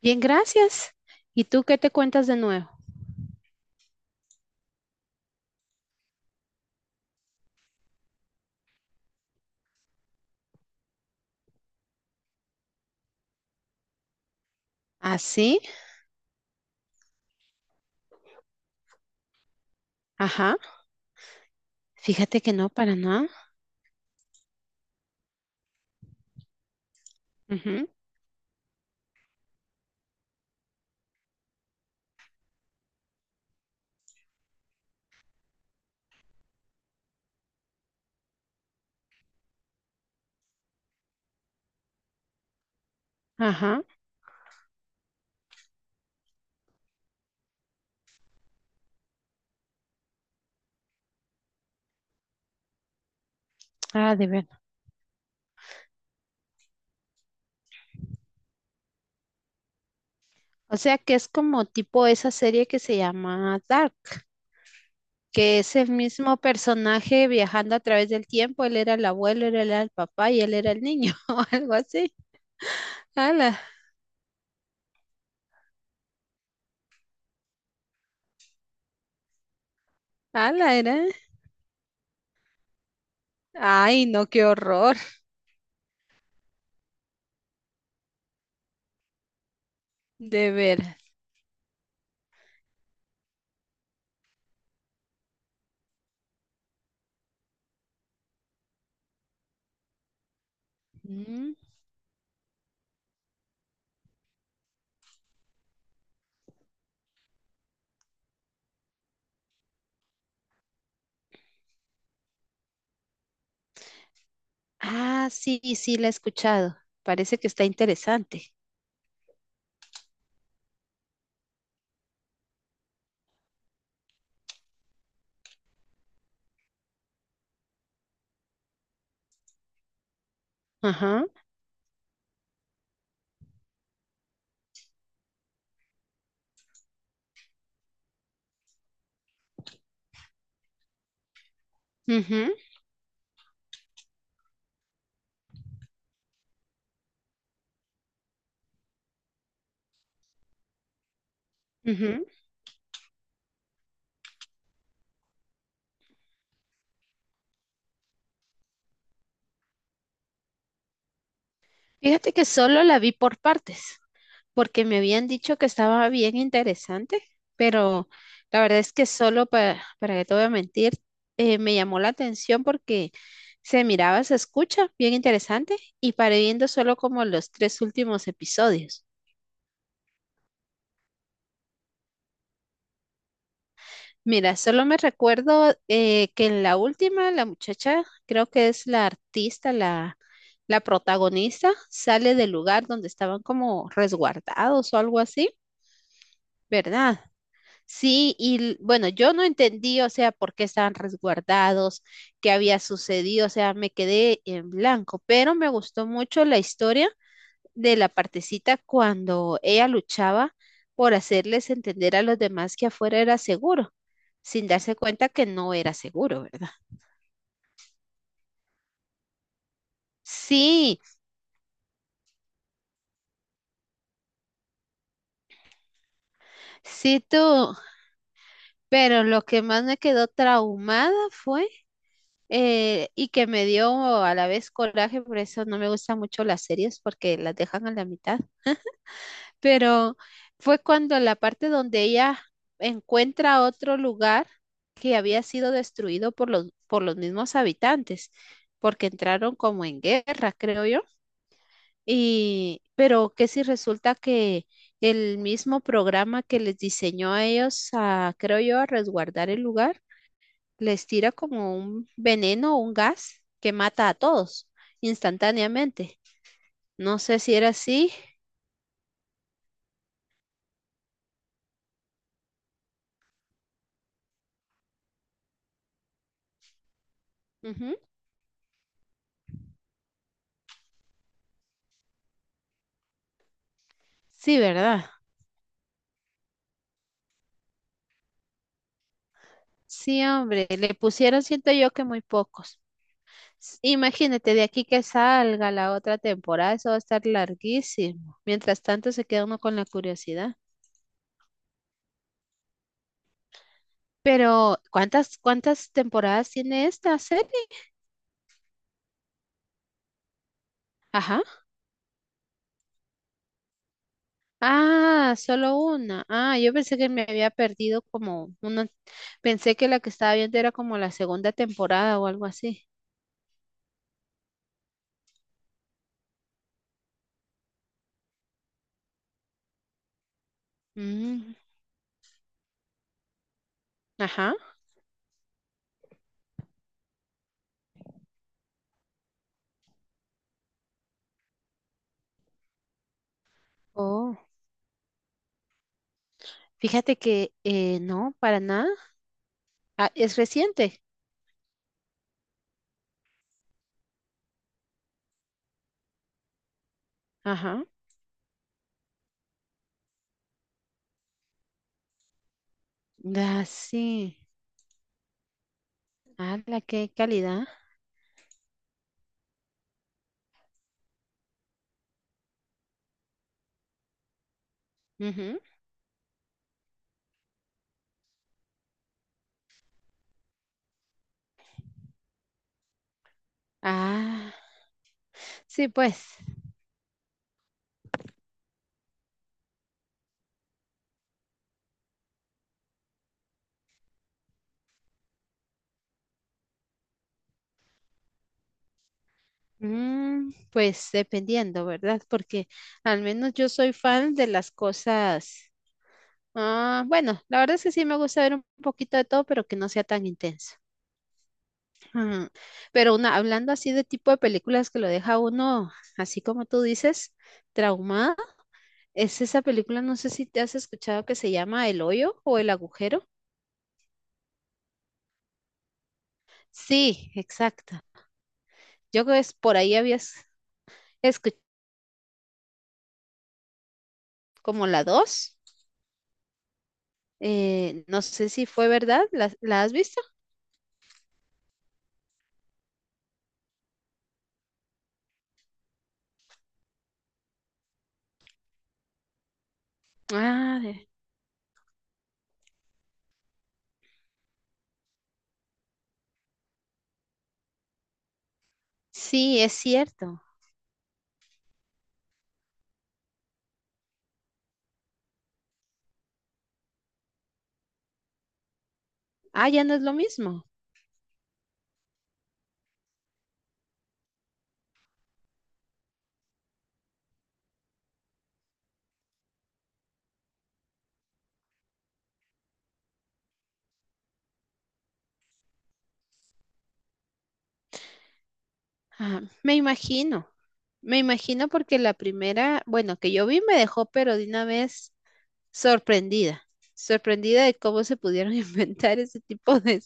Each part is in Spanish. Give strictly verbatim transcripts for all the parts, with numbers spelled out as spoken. Bien, gracias. ¿Y tú qué te cuentas de nuevo? ¿Ah, sí? Ajá. Fíjate que no, para nada. Ujú, ajá. Ah, de ver. O sea que es como tipo esa serie que se llama Dark, que es el mismo personaje viajando a través del tiempo. Él era el abuelo, él era el papá y él era el niño, o algo así. Ala, ala, era. Ay, no, qué horror. De ver. Mm. Ah, sí, sí, la he escuchado. Parece que está interesante. Ajá. Mhm. Fíjate que solo la vi por partes, porque me habían dicho que estaba bien interesante, pero la verdad es que solo para, para que te voy a mentir, eh, me llamó la atención porque se miraba, se escucha, bien interesante, y paré viendo solo como los tres últimos episodios. Mira, solo me recuerdo eh, que en la última, la muchacha, creo que es la artista, la, la protagonista, sale del lugar donde estaban como resguardados o algo así, ¿verdad? Sí, y l- bueno, yo no entendí, o sea, por qué estaban resguardados, qué había sucedido, o sea, me quedé en blanco, pero me gustó mucho la historia de la partecita cuando ella luchaba por hacerles entender a los demás que afuera era seguro, sin darse cuenta que no era seguro, ¿verdad? Sí, sí tú, pero lo que más me quedó traumada fue eh, y que me dio a la vez coraje, por eso no me gustan mucho las series porque las dejan a la mitad, pero fue cuando la parte donde ella encuentra otro lugar que había sido destruido por los, por los mismos habitantes, porque entraron como en guerra, creo yo, y pero que si resulta que el mismo programa que les diseñó a ellos a, creo yo, a resguardar el lugar, les tira como un veneno o un gas que mata a todos instantáneamente. No sé si era así. Ujú. Sí, ¿verdad? Sí, hombre, le pusieron, siento yo que muy pocos. S- Imagínate, de aquí que salga la otra temporada, eso va a estar larguísimo. Mientras tanto, se queda uno con la curiosidad. Pero, ¿cuántas, cuántas temporadas tiene esta serie? Ajá. Ah, solo una. Ah, yo pensé que me había perdido como una. Pensé que la que estaba viendo era como la segunda temporada o algo así. Mm, ajá. Oh, fíjate que eh, no, para nada. Ah, es reciente. Ajá. Ah, sí. Ah, la qué calidad. Ujú. Ah, sí, pues. Mm, pues dependiendo, ¿verdad? Porque al menos yo soy fan de las cosas. Ah, bueno, la verdad es que sí me gusta ver un poquito de todo, pero que no sea tan intenso. Ujú. Pero una, hablando así de tipo de películas que lo deja a uno, así como tú dices, traumada, es esa película, no sé si te has escuchado que se llama El hoyo o El agujero. Sí, exacto. Yo creo que es por ahí habías escuchado como la dos. Eh, no sé si fue verdad, ¿la, la has visto? Ah, sí, es cierto. Ah, ya no es lo mismo. Ah, me imagino, me imagino porque la primera, bueno, que yo vi me dejó, pero de una vez sorprendida, sorprendida de cómo se pudieron inventar ese tipo de,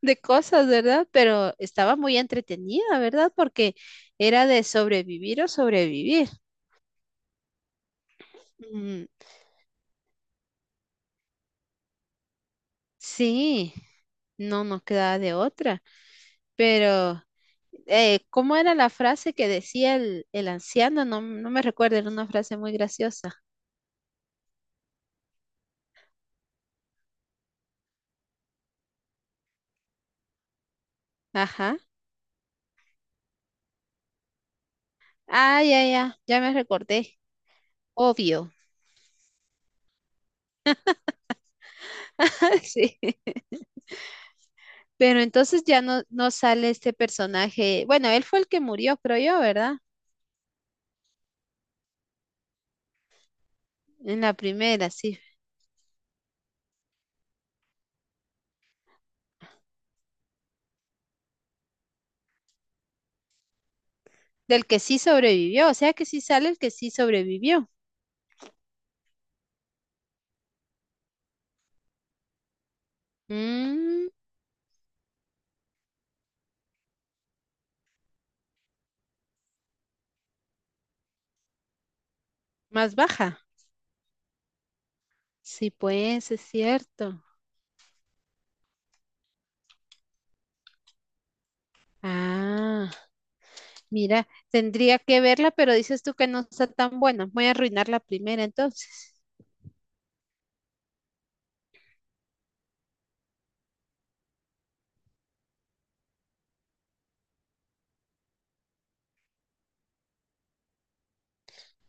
de cosas, ¿verdad? Pero estaba muy entretenida, ¿verdad? Porque era de sobrevivir o sobrevivir. Mm, sí, no nos quedaba de otra, pero eh, ¿cómo era la frase que decía el, el anciano? No, no me recuerdo, era una frase muy graciosa. Ajá. Ah, ya, ya, ya me recordé. Obvio. Sí. Pero entonces ya no, no sale este personaje. Bueno, él fue el que murió, creo yo, ¿verdad? En la primera, sí. Del que sí sobrevivió. O sea que sí sale el que sí sobrevivió. Mm, más baja. Sí, pues, es cierto. Ah, mira, tendría que verla, pero dices tú que no está tan buena. Voy a arruinar la primera entonces.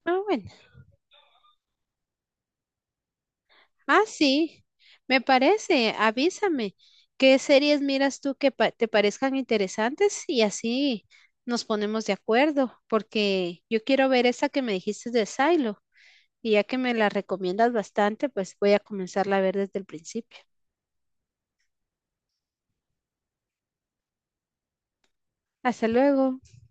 Ah, bueno. Ah, sí, me parece, avísame. ¿Qué series miras tú que pa- te parezcan interesantes? Y así nos ponemos de acuerdo, porque yo quiero ver esa que me dijiste de Silo, y ya que me la recomiendas bastante, pues voy a comenzarla a ver desde el principio. Hasta luego.